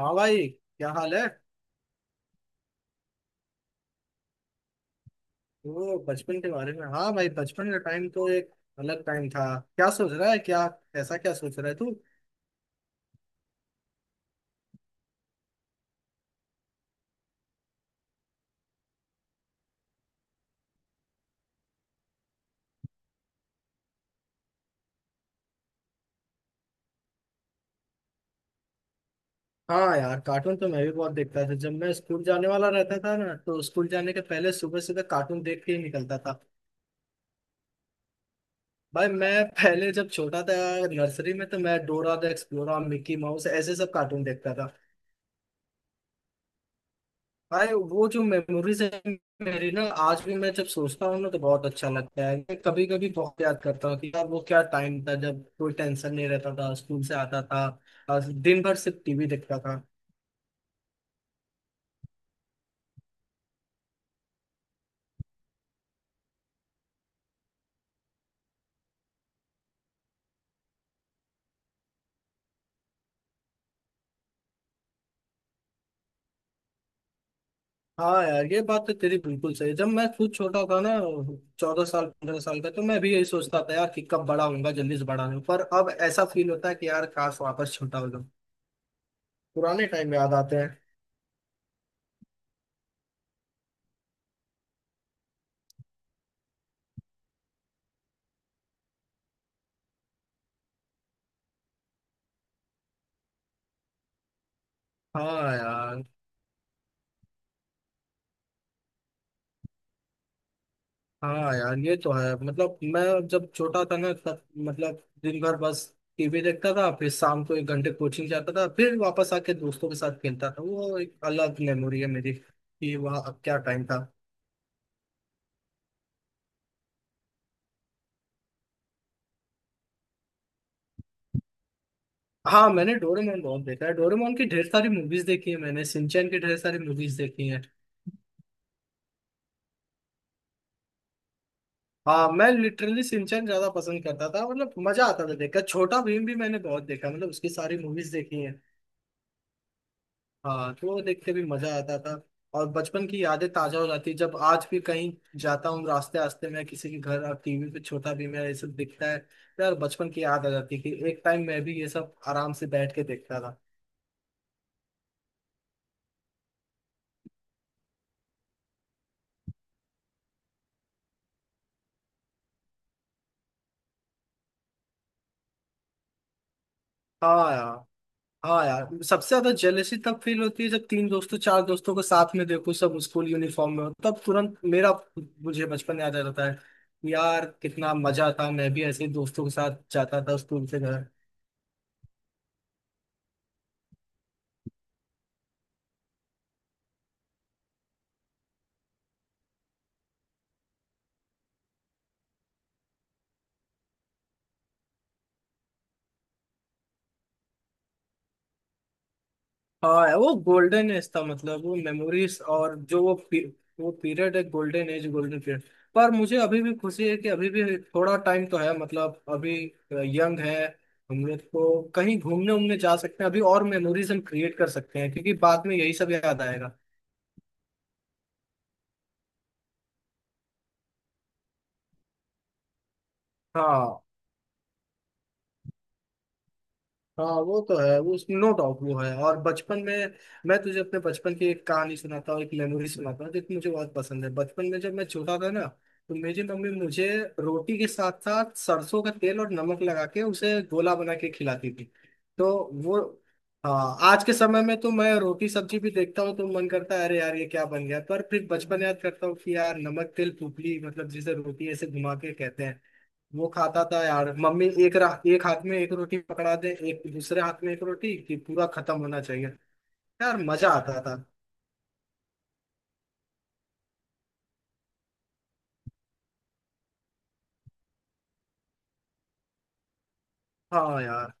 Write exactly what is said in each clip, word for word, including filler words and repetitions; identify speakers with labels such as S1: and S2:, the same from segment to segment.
S1: हाँ भाई, क्या हाल है? वो बचपन के बारे में? हाँ भाई, बचपन का टाइम तो एक अलग टाइम था। क्या सोच रहा है क्या? ऐसा क्या सोच रहा है तू? हाँ यार, कार्टून तो मैं भी बहुत देखता था। जब मैं स्कूल जाने वाला रहता था ना तो स्कूल जाने के पहले सुबह सुबह कार्टून देख के ही निकलता था। भाई, मैं पहले जब छोटा था नर्सरी में तो मैं Dora the Explorer, Mickey Mouse, ऐसे सब कार्टून देखता था। भाई, वो जो मेमोरीज है मेरी ना, आज भी मैं जब सोचता हूँ ना तो बहुत अच्छा लगता है। मैं कभी कभी बहुत याद करता हूँ कि यार वो क्या टाइम था, जब कोई टेंशन नहीं रहता था, स्कूल से आता था और दिन भर सिर्फ टीवी देखता था। हाँ यार, ये बात तो तेरी बिल्कुल सही है। जब मैं खुद छोटा था ना, चौदह साल पंद्रह साल का, तो मैं भी यही सोचता था यार कि कब बड़ा होऊंगा, जल्दी से बड़ा हूँ। पर अब ऐसा फील होता है कि यार काश वापस छोटा हो जाऊं। पुराने टाइम याद आते हैं। हाँ यार। हाँ यार, ये तो है। मतलब मैं जब छोटा था ना, तब मतलब दिन भर बस टीवी देखता था, फिर शाम को एक घंटे कोचिंग जाता था, फिर वापस आके दोस्तों के साथ खेलता था। वो एक अलग मेमोरी है मेरी कि वहाँ अब क्या टाइम था। हाँ, मैंने डोरेमोन बहुत देखा है। डोरेमोन की ढेर सारी मूवीज देखी है, मैंने सिंचैन की ढेर सारी मूवीज देखी है। हाँ, मैं लिटरली सिंचैन ज्यादा पसंद करता था। मतलब मजा आता था देखकर। छोटा भीम भी मैंने बहुत देखा, मतलब उसकी सारी मूवीज देखी है। हाँ, तो वो देखते भी मजा आता था। और बचपन की यादें ताजा हो जाती है जब आज भी कहीं जाता हूँ रास्ते रास्ते में किसी के घर और टीवी पे छोटा भी मेरा ये सब दिखता है तो यार बचपन की याद आ जाती है कि एक टाइम मैं भी ये सब आराम से बैठ के देखता था। हाँ यार। हाँ यार, सबसे ज्यादा जेलसी तब फील होती है जब तीन दोस्तों चार दोस्तों को साथ में देखो, सब स्कूल यूनिफॉर्म में हो, तब तुरंत मेरा मुझे बचपन याद आ जाता है। यार कितना मजा था, मैं भी ऐसे ही दोस्तों के साथ जाता था स्कूल से घर। हाँ, वो गोल्डन एज था। मतलब वो मेमोरीज और जो वो पी, वो पीरियड है, गोल्डन एज, गोल्डन पीरियड। पर मुझे अभी भी खुशी है कि अभी भी थोड़ा टाइम तो है। मतलब अभी यंग है, हम लोग को कहीं घूमने उमने जा सकते हैं अभी, और मेमोरीज हम क्रिएट कर सकते हैं, क्योंकि बाद में यही सब याद आएगा। हाँ हाँ, वो तो है, वो नो डाउट वो है। और बचपन में मैं तुझे अपने बचपन की एक कहानी सुनाता हूँ, एक मेमोरी सुनाता हूँ जो कि मुझे बहुत पसंद है। बचपन में जब मैं छोटा था ना तो मेरी मम्मी मुझे रोटी के साथ साथ सरसों का तेल और नमक लगा के उसे गोला बना के खिलाती थी। तो वो, हाँ, आज के समय में तो मैं रोटी सब्जी भी देखता हूँ तो मन करता है अरे यार ये क्या बन गया, पर फिर बचपन याद करता हूँ कि यार नमक तेल पुपली, मतलब जिसे रोटी ऐसे घुमा के कहते हैं, वो खाता था यार। मम्मी एक रा, एक हाथ में एक रोटी पकड़ा दे, एक दूसरे हाथ में एक रोटी, कि पूरा खत्म होना चाहिए। यार मजा आता था। हाँ यार।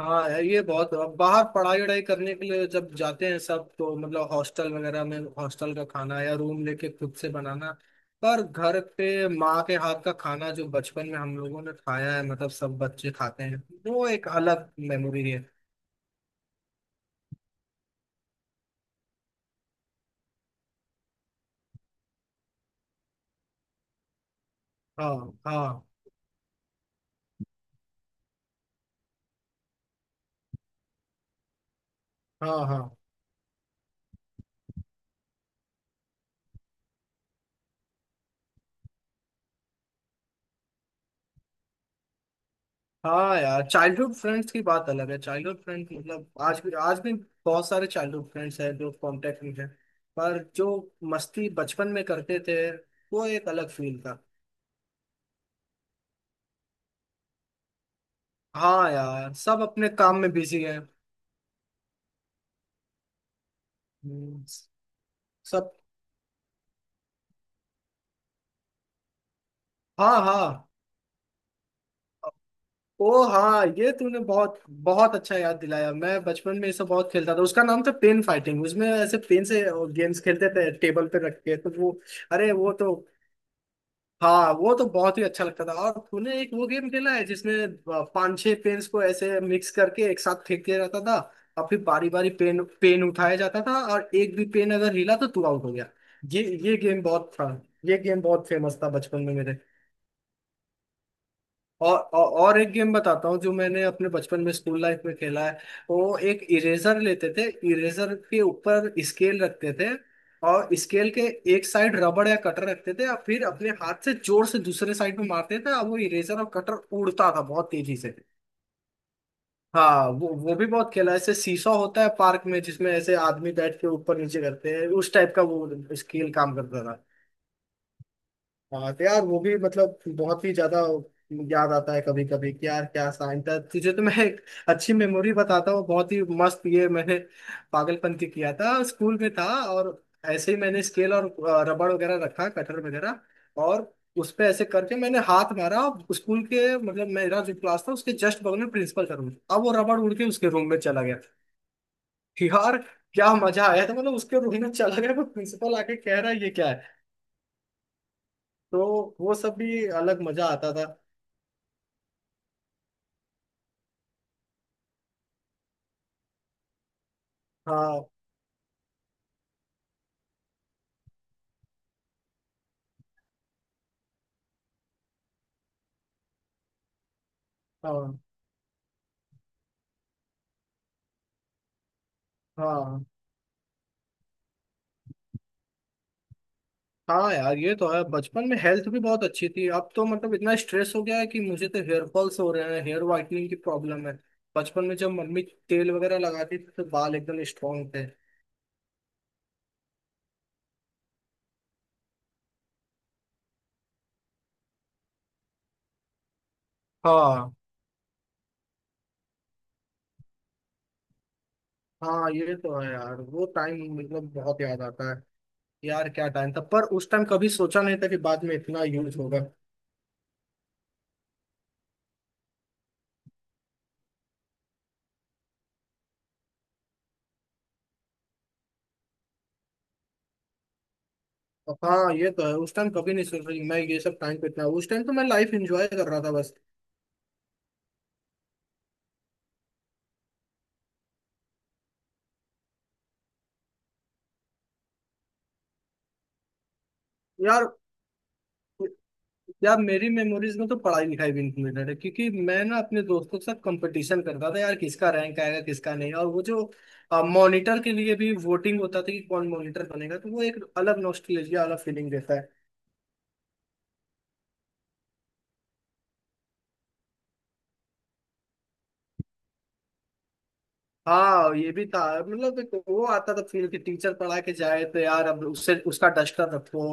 S1: हाँ यार, ये बहुत, अब बाहर पढ़ाई वढ़ाई करने के लिए जब जाते हैं सब, तो मतलब हॉस्टल वगैरह में हॉस्टल का खाना या रूम लेके खुद से बनाना। पर घर पे माँ के हाथ का खाना जो बचपन में हम लोगों ने खाया है, मतलब सब बच्चे खाते हैं, वो एक अलग मेमोरी है। हाँ हाँ, हाँ हाँ। हाँ यार, चाइल्डहुड फ्रेंड्स की बात अलग है। चाइल्डहुड फ्रेंड मतलब आज भी, आज भी बहुत सारे चाइल्डहुड फ्रेंड्स हैं जो कांटेक्ट में हैं, पर जो मस्ती बचपन में करते थे वो एक अलग फील था। हाँ यार, सब अपने काम में बिजी हैं। हम्म। सब। हाँ हाँ। ओ हाँ, ये तूने बहुत बहुत अच्छा याद दिलाया। मैं बचपन में ये सब बहुत खेलता था, उसका नाम था पेन फाइटिंग। उसमें ऐसे पेन से गेम्स खेलते थे टेबल पे रख के, तो वो, अरे वो तो हाँ, वो तो बहुत ही अच्छा लगता था। और तूने एक वो गेम खेला है जिसमें अ, पांच छह पेन्स को ऐसे मिक्स करके एक साथ फेंक दिया जाता था, और फिर बारी बारी पेन पेन उठाया जाता था और एक भी पेन अगर हिला तो तू आउट हो गया। ये ये गेम बहुत था ये गेम बहुत फेमस था बचपन में मेरे। और और और एक गेम बताता हूँ जो मैंने अपने बचपन में स्कूल लाइफ में खेला है। वो एक इरेजर लेते थे, इरेजर के ऊपर स्केल रखते थे, और स्केल के एक साइड रबड़ या कटर रखते थे, और फिर अपने हाथ से जोर से दूसरे साइड में मारते थे और वो इरेजर और कटर उड़ता था बहुत तेजी से। हाँ, वो वो भी बहुत खेला है। ऐसे सीसॉ होता है पार्क में जिसमें ऐसे आदमी बैठ के ऊपर नीचे करते हैं, उस टाइप का वो स्केल काम करता था। हाँ तो यार वो भी मतलब बहुत ही ज्यादा याद आता है कभी कभी कि यार क्या साइन था। तुझे तो मैं एक अच्छी मेमोरी बताता हूँ, बहुत ही मस्त, ये मैंने पागलपन की किया था स्कूल में। था और ऐसे ही मैंने स्केल और अ, रबड़ वगैरह रखा, कटर वगैरह, और उस पे ऐसे करके मैंने हाथ मारा। स्कूल के मतलब मेरा जो क्लास था उसके जस्ट बगल में प्रिंसिपल का रूम था। अब वो रबड़ उड़ के उसके रूम में चला गया। यार क्या मजा आया था, मतलब उसके रूम में चला गया तो प्रिंसिपल आके कह रहा है ये क्या है। तो वो सब भी अलग मजा आता था। हाँ हाँ, हाँ हाँ। यार ये तो है, बचपन में हेल्थ भी बहुत अच्छी थी। अब तो मतलब इतना स्ट्रेस हो गया है कि मुझे तो हेयर फॉल्स हो रहे हैं, हेयर वाइटनिंग की प्रॉब्लम है। बचपन में जब मम्मी तेल वगैरह लगाती थी तो बाल एकदम स्ट्रांग थे। हाँ हाँ, ये तो है यार, वो टाइम मतलब बहुत याद आता है। यार क्या टाइम था, पर उस टाइम कभी सोचा नहीं था कि बाद में इतना यूज होगा। हाँ, ये तो है, उस टाइम कभी नहीं सोच रही मैं ये सब। टाइम पे इतना, उस टाइम तो मैं लाइफ एंजॉय कर रहा था बस। यार यार, मेरी मेमोरीज में तो पढ़ाई लिखाई भी इंक्लूडेड है, क्योंकि मैं ना अपने दोस्तों के साथ कंपटीशन करता था यार, किसका रैंक आएगा किसका नहीं। और वो जो मॉनिटर के लिए भी वोटिंग होता था कि कौन मॉनिटर बनेगा, तो वो एक अलग नॉस्टैल्जिया, अलग फीलिंग देता है। हाँ, ये भी था। मतलब एक वो आता था फील कि टीचर पढ़ा के जाए तो यार अब उससे उसका डस्टर रखो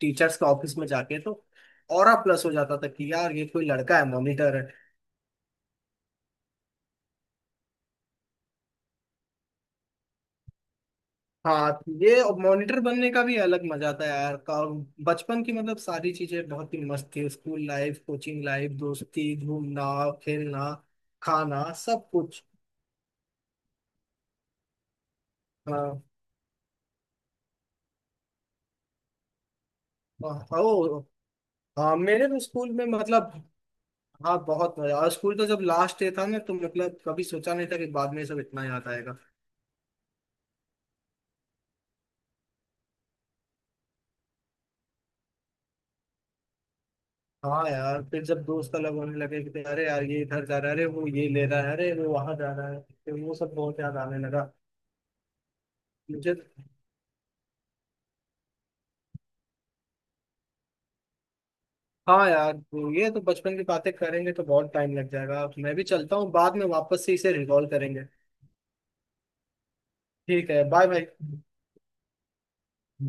S1: टीचर्स के ऑफिस में जाके, तो और प्लस हो जाता था कि यार ये कोई लड़का है मॉनिटर। हाँ, ये और मॉनिटर बनने का भी अलग मजा था यार। और बचपन की मतलब सारी चीजें बहुत ही मस्त थी, स्कूल लाइफ, कोचिंग लाइफ, दोस्ती, घूमना, खेलना, खाना, सब कुछ। हाँ। और- ओ हाँ, मेरे तो स्कूल में मतलब, हाँ, बहुत मजा। और स्कूल तो जब लास्ट डे था ना तो मतलब कभी सोचा नहीं था कि बाद में सब इतना याद आएगा। हाँ यार, फिर जब दोस्त अलग होने लगे कि अरे यार ये इधर जा रहा है, अरे वो ये ले रहा है, अरे वो वहां जा रहा है, फिर वो सब बहुत याद आने लगा। मुझे हाँ यार, वो, ये तो बचपन की बातें करेंगे तो बहुत टाइम लग जाएगा। मैं भी चलता हूँ, बाद में वापस से इसे रिकॉल करेंगे। ठीक है, बाय बाय।